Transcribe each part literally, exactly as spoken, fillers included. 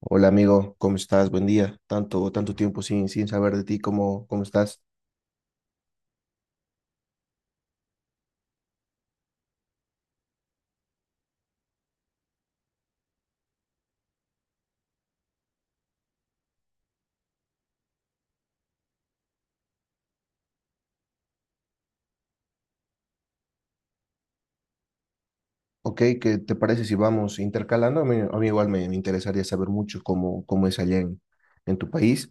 Hola amigo, ¿cómo estás? Buen día. Tanto, tanto tiempo sin, sin saber de ti, ¿cómo, cómo estás? Ok, ¿qué te parece si vamos intercalando? A mí, a mí igual me, me interesaría saber mucho cómo, cómo es allá en, en tu país.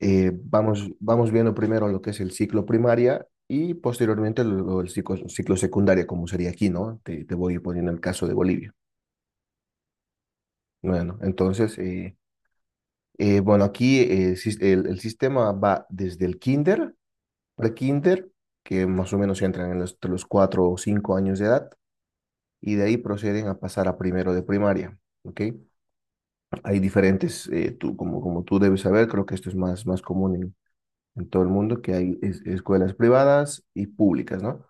Eh, vamos, vamos viendo primero lo que es el ciclo primaria y posteriormente lo- lo- el ciclo, ciclo secundaria, como sería aquí, ¿no? Te, te voy poniendo el caso de Bolivia. Bueno, entonces, eh, eh, bueno, aquí eh, sis- el, el sistema va desde el kinder de kinder, que más o menos entran en los, entre los cuatro o cinco años de edad, y de ahí proceden a pasar a primero de primaria. ¿Ok? Hay diferentes, eh, tú, como, como tú debes saber, creo que esto es más, más común en, en todo el mundo, que hay es- escuelas privadas y públicas, ¿no?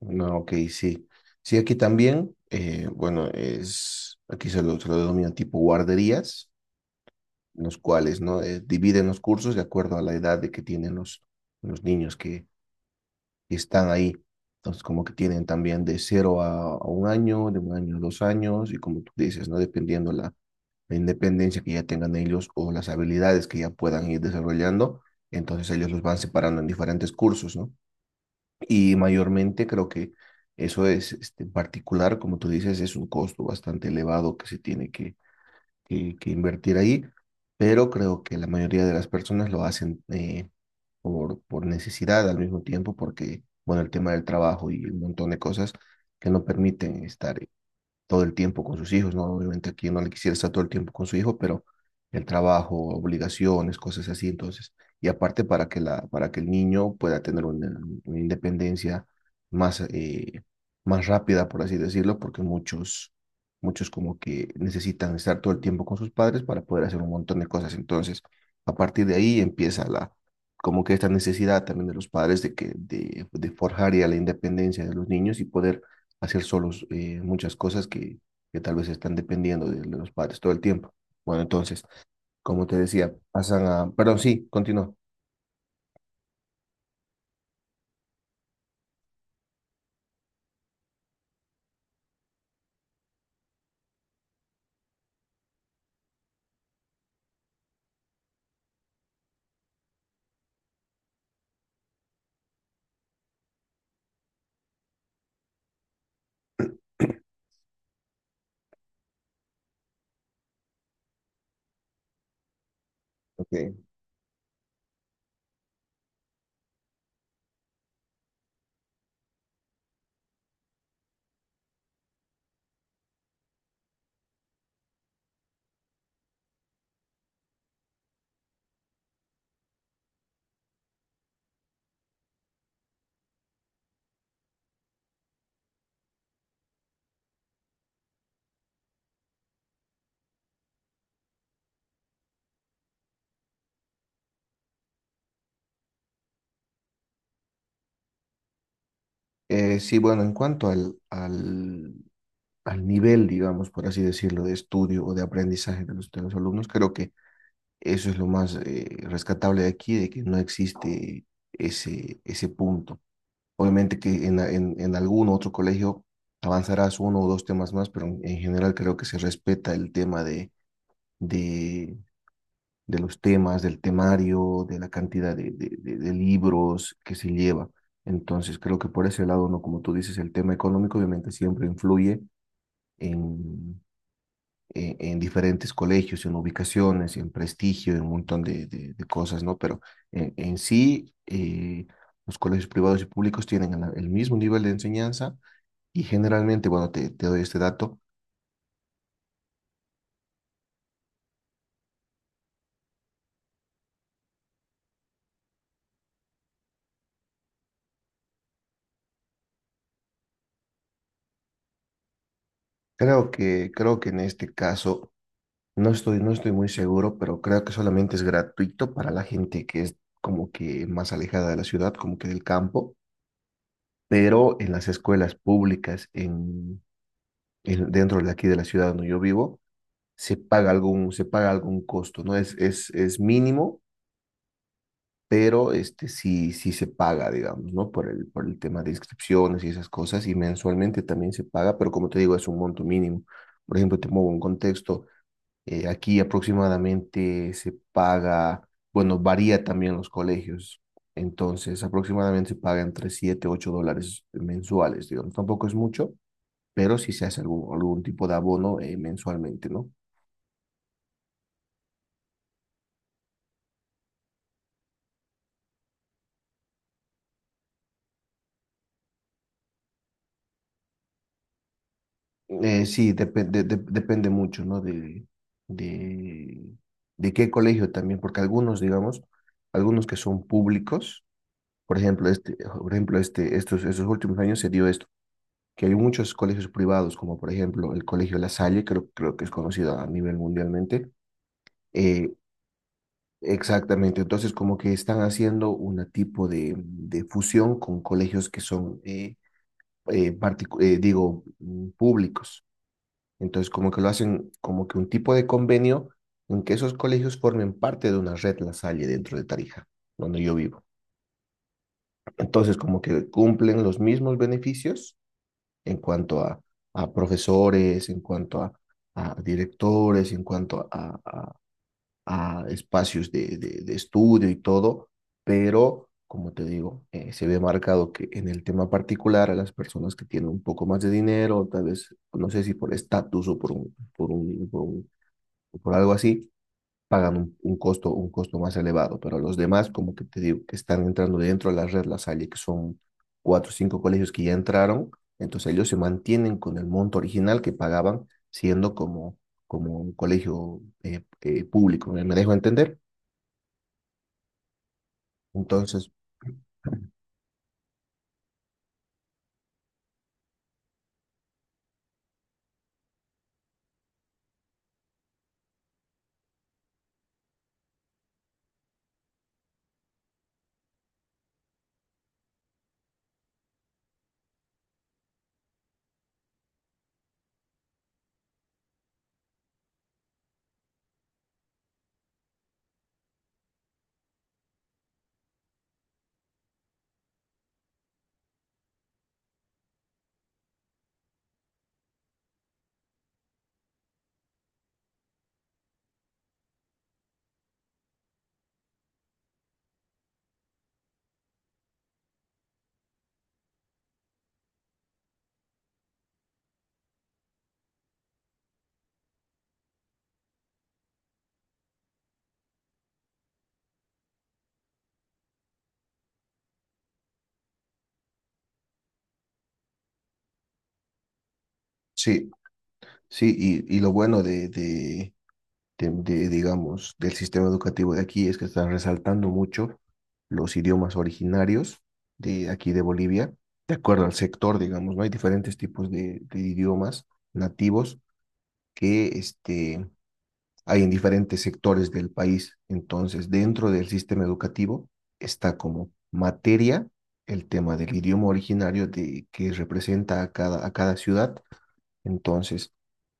No, ok, sí. Sí, aquí también, eh, bueno, es, aquí se lo, se lo denomina tipo guarderías, en los cuales, ¿no? Eh, dividen los cursos de acuerdo a la edad de que tienen los, los niños que, y están ahí. Entonces, como que tienen también de cero a, a un año, de un año a dos años, y como tú dices, ¿no? Dependiendo la, la independencia que ya tengan ellos o las habilidades que ya puedan ir desarrollando, entonces ellos los van separando en diferentes cursos, ¿no? Y mayormente creo que eso es, este, en particular, como tú dices, es un costo bastante elevado que se tiene que, que, que invertir ahí, pero creo que la mayoría de las personas lo hacen eh, por, por necesidad al mismo tiempo, porque, bueno, el tema del trabajo y un montón de cosas que no permiten estar todo el tiempo con sus hijos, ¿no? Obviamente aquí no le quisiera estar todo el tiempo con su hijo, pero el trabajo, obligaciones, cosas así, entonces, y aparte para que la, para que el niño pueda tener una, una independencia más, eh, más rápida, por así decirlo, porque muchos, muchos como que necesitan estar todo el tiempo con sus padres para poder hacer un montón de cosas, entonces, a partir de ahí empieza la, como que esta necesidad también de los padres de que, de, de forjar ya la independencia de los niños y poder hacer solos eh, muchas cosas que, que tal vez están dependiendo de los padres todo el tiempo. Bueno, entonces, como te decía, pasan a... Perdón, sí, continúo. Ok. Eh, sí, bueno, en cuanto al, al, al nivel, digamos, por así decirlo, de estudio o de aprendizaje de los, de los alumnos, creo que eso es lo más eh, rescatable de aquí, de que no existe ese, ese punto. Obviamente que en, a- en, en algún otro colegio avanzarás uno o dos temas más, pero en, en general creo que se respeta el tema de de, de los temas, del temario, de la cantidad de, de, de- de libros que se lleva. Entonces, creo que por ese lado, ¿no? Como tú dices, el tema económico obviamente siempre influye en, en, en diferentes colegios, en ubicaciones, en prestigio, en un montón de, de- de cosas, ¿no? Pero en, en sí, eh, los colegios privados y públicos tienen el mismo nivel de enseñanza y generalmente, bueno, te, te doy este dato. Creo que, creo que en este caso No estoy, no estoy muy seguro, pero creo que solamente es gratuito para la gente que es como que más alejada de la ciudad, como que del campo, pero en las escuelas públicas en, en- dentro de aquí de la ciudad donde yo vivo, se paga algún, se paga algún costo, ¿no? Es, es, es mínimo, pero este sí, sí se paga, digamos, ¿no? Por el, por el tema de inscripciones y esas cosas, y mensualmente también se paga, pero como te digo, es un monto mínimo. Por ejemplo, te muevo un contexto. Eh, aquí aproximadamente se paga, bueno, varía también los colegios. Entonces, aproximadamente se paga entre siete y ocho dólares mensuales, digamos. Tampoco es mucho, pero sí se hace algún, algún tipo de abono eh, mensualmente, ¿no? Eh, sí, depende, de- depende mucho, ¿no? De, de, de qué colegio también, porque algunos, digamos, algunos que son públicos, por ejemplo, este, por ejemplo, este, estos, estos últimos años se dio esto, que hay muchos colegios privados, como por ejemplo el Colegio La Salle, creo, creo que es conocido a nivel mundialmente. eh, exactamente, entonces como que están haciendo una tipo de, de fusión con colegios que son, eh, eh, particu- eh, digo, mm, públicos. Entonces como que lo hacen como que un tipo de convenio en que esos colegios formen parte de una red La Salle dentro de Tarija, donde yo vivo. Entonces como que cumplen los mismos beneficios en cuanto a, a profesores, en cuanto a, a directores, en cuanto a, a, a espacios de, de, de, estudio y todo, pero como te digo, eh, se ve marcado que en el tema particular a las personas que tienen un poco más de dinero, tal vez, no sé si por estatus o por, un, por, un, por, un, por algo así, pagan un, un costo, un costo más elevado, pero los demás, como que te digo, que están entrando dentro de la red La Salle, que son cuatro o cinco colegios que ya entraron, entonces ellos se mantienen con el monto original que pagaban siendo como, como un colegio eh, eh, público, ¿me, me dejo entender? Entonces, sí, sí, y, y lo bueno de, de, de- de- digamos, del sistema educativo de aquí es que están resaltando mucho los idiomas originarios de aquí de Bolivia, de acuerdo al sector, digamos, ¿no? Hay diferentes tipos de, de idiomas nativos que este, hay en diferentes sectores del país. Entonces, dentro del sistema educativo está como materia el tema del idioma originario de, que representa a cada, a cada ciudad. Entonces,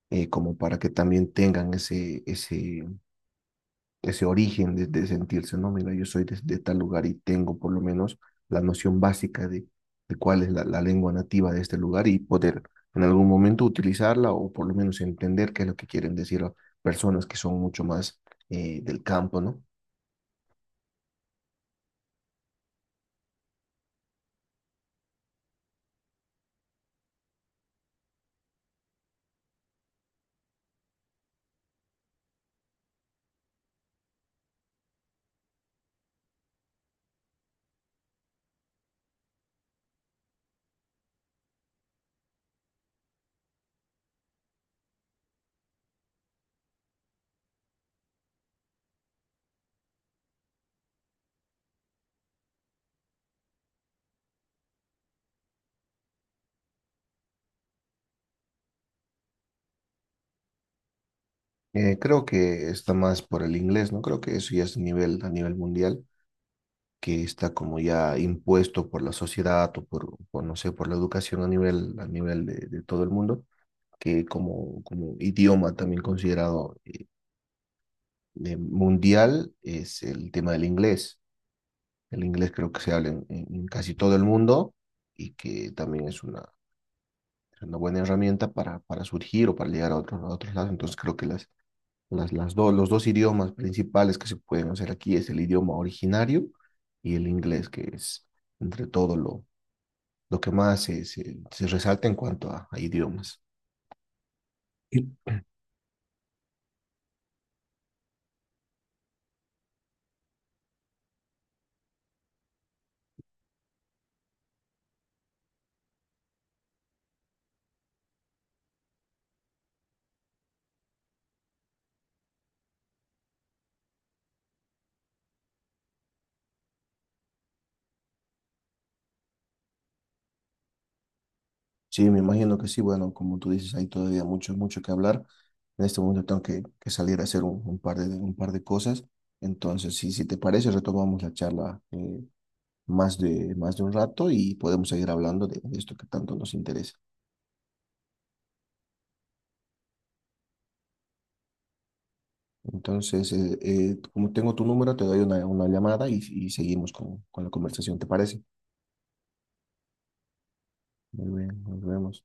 eh, como para que también tengan ese, ese, ese origen de, de sentirse, no, mira, yo soy de, de, tal lugar y tengo por lo menos la noción básica de, de cuál es la, la, lengua nativa de este lugar y poder en algún momento utilizarla o por lo menos entender qué es lo que quieren decir a personas que son mucho más eh, del campo, ¿no? Eh, creo que está más por el inglés, ¿no? Creo que eso ya es a nivel, a nivel mundial, que está como ya impuesto por la sociedad o por, por no sé, por la educación a nivel, a nivel de, de todo el mundo que como, como idioma también considerado eh, mundial es el tema del inglés. El inglés creo que se habla en, en- en casi todo el mundo y que también es una, es una buena herramienta para, para surgir o para llegar a otros, a otros lados. Entonces creo que las, las, las dos, los dos idiomas principales que se pueden hacer aquí es el idioma originario y el inglés, que es entre todo lo, lo que más se, se, se resalta en cuanto a, a idiomas. Sí, me imagino que sí. Bueno, como tú dices, hay todavía mucho, mucho que hablar. En este momento tengo que, que salir a hacer un, un par de, un par de cosas. Entonces, sí, si te parece, retomamos la charla eh, más de, más de un rato y podemos seguir hablando de, de esto que tanto nos interesa. Entonces, eh, eh, como tengo tu número, te doy una, una llamada y, y seguimos con, con la conversación, ¿te parece? Muy bien, nos vemos.